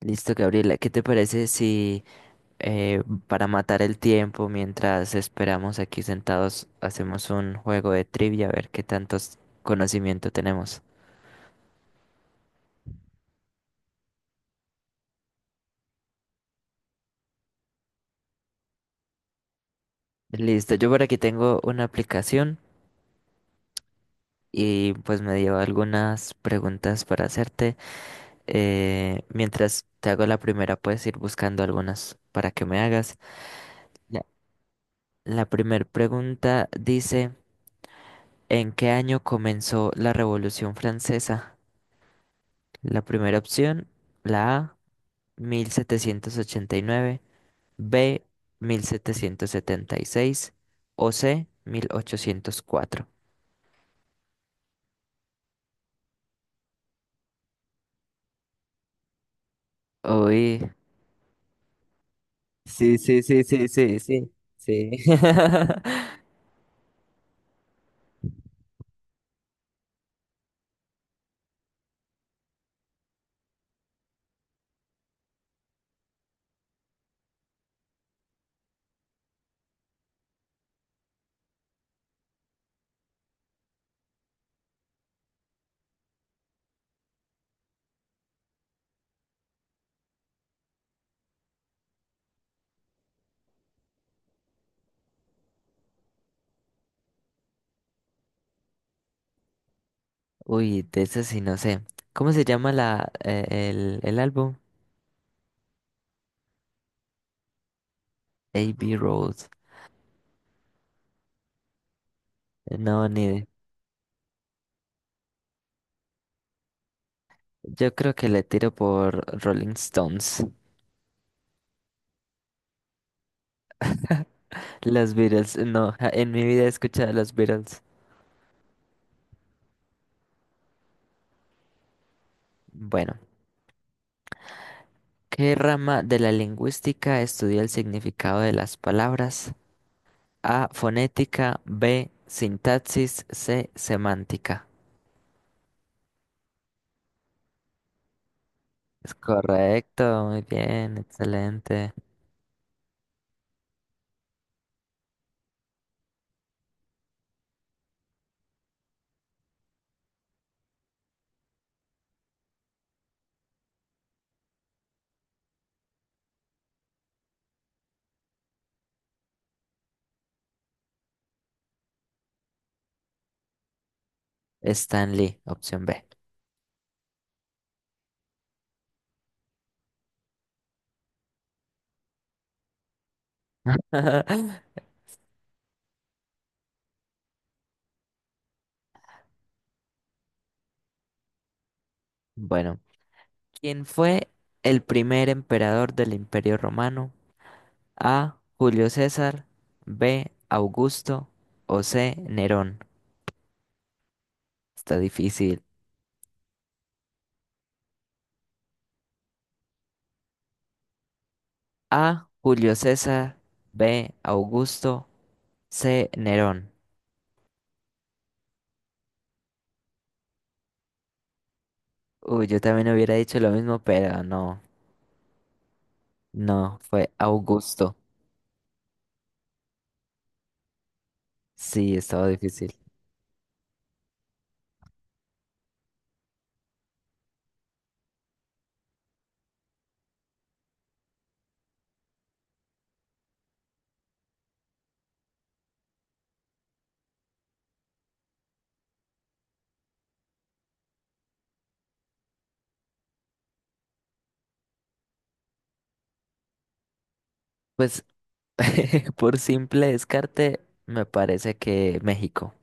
Listo, Gabriela, ¿qué te parece si eh, para matar el tiempo mientras esperamos aquí sentados hacemos un juego de trivia a ver qué tantos conocimiento tenemos? Listo, yo por aquí tengo una aplicación y pues me dio algunas preguntas para hacerte. Mientras te hago la primera, puedes ir buscando algunas para que me hagas. La, la primera pregunta dice, ¿en qué año comenzó la Revolución Francesa? La primera opción, la A, 1789. B, 1776. O C, 1804. Uy, sí, sí, sí, sí, sí, sí, sí. Uy, de eso sí no sé. ¿Cómo se llama el álbum? A.B. Road. No, ni idea. Yo creo que le tiro por Rolling Stones. Los Beatles, no, en mi vida he escuchado a los Beatles. Bueno. ¿Qué rama de la lingüística estudia el significado de las palabras? A, fonética. B, sintaxis. C, semántica. Es correcto, muy bien, excelente. Stanley, opción B. Bueno, ¿quién fue el primer emperador del Imperio Romano? A, Julio César. B, Augusto. O C, Nerón. Está difícil. A, Julio César. B, Augusto. C, Nerón. Uy, yo también hubiera dicho lo mismo, pero no, no, fue Augusto. Sí, estaba difícil. Pues por simple descarte, me parece que México.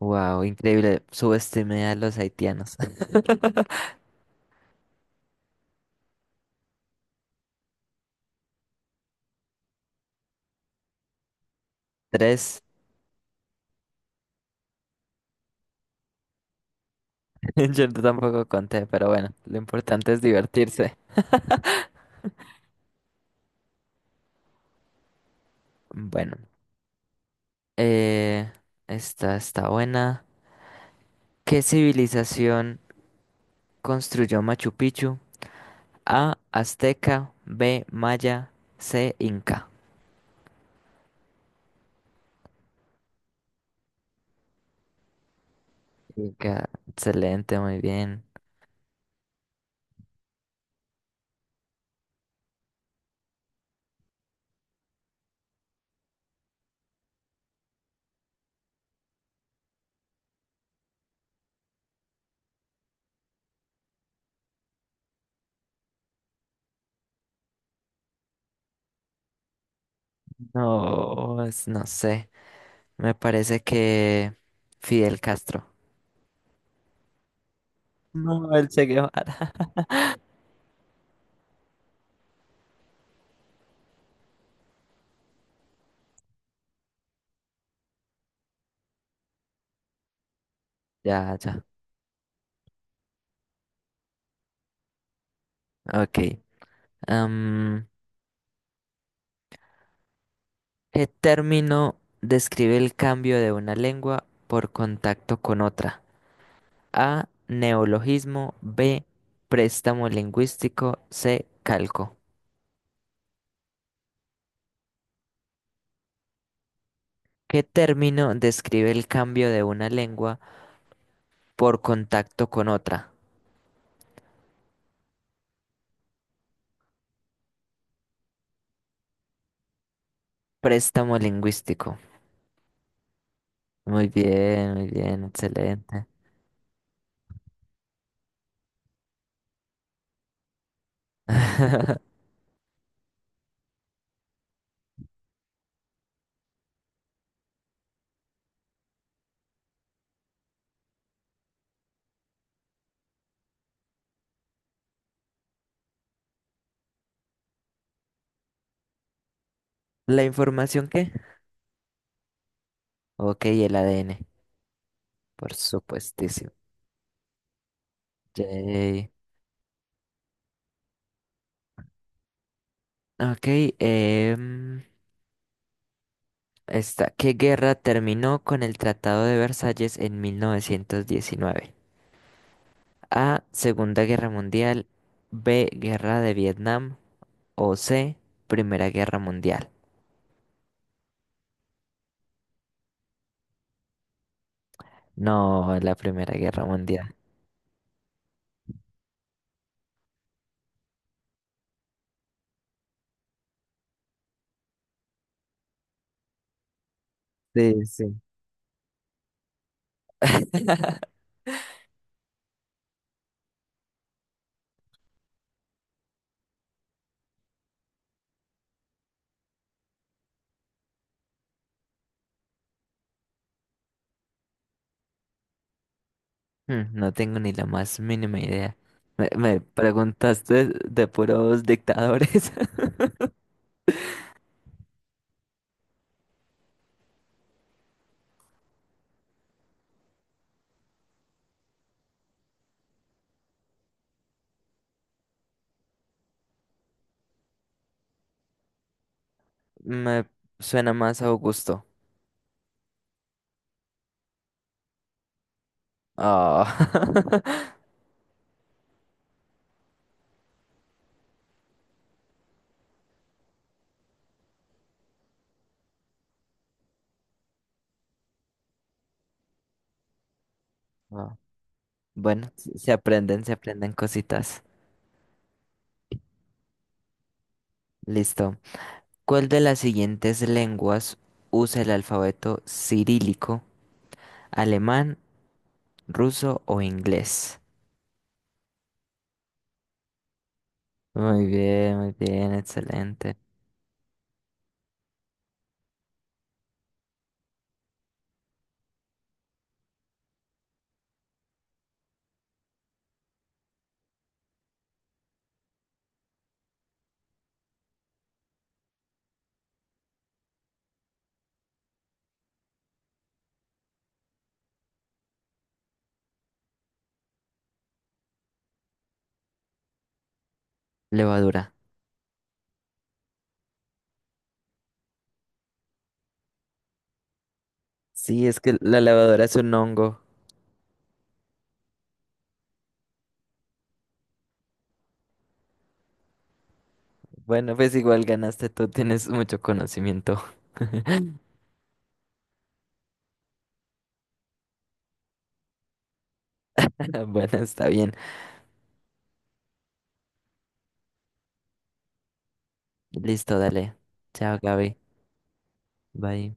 Wow, increíble. Subestimé a los haitianos. Tres. Yo tampoco conté, pero bueno, lo importante es divertirse. Bueno, eh, esta está buena. ¿Qué civilización construyó Machu Picchu? A, azteca. B, maya. C, inca. Inca, excelente, muy bien. No, no sé, me parece que Fidel Castro. No, el Che Guevara. Ya, ya, ok. Am, ¿Qué término describe el cambio de una lengua por contacto con otra? A, neologismo. B, préstamo lingüístico. C, calco. ¿Qué término describe el cambio de una lengua por contacto con otra? Préstamo lingüístico. Muy bien, excelente. ¿La información qué? Ok, el ADN, por supuestísimo. Yay. Ok, em, esta. ¿Qué guerra terminó con el Tratado de Versalles en 1919? A, Segunda Guerra Mundial. B, Guerra de Vietnam. O C, Primera Guerra Mundial. No, la Primera Guerra Mundial. Sí, sí. Hmm, no tengo ni la más mínima idea. Me preguntaste de puros dictadores. Me suena más a Augusto. Ah. Ah, bueno, se aprenden, se aprenden cositas. Listo. ¿Cuál de las siguientes lenguas usa el alfabeto cirílico: alemán, ruso o inglés? Muy bien, excelente. Levadura. Sí, es que la levadura es un hongo. Bueno, pues igual ganaste tú, tienes mucho conocimiento. Bueno, está bien. Listo, dale. Chao, Gaby. Bye.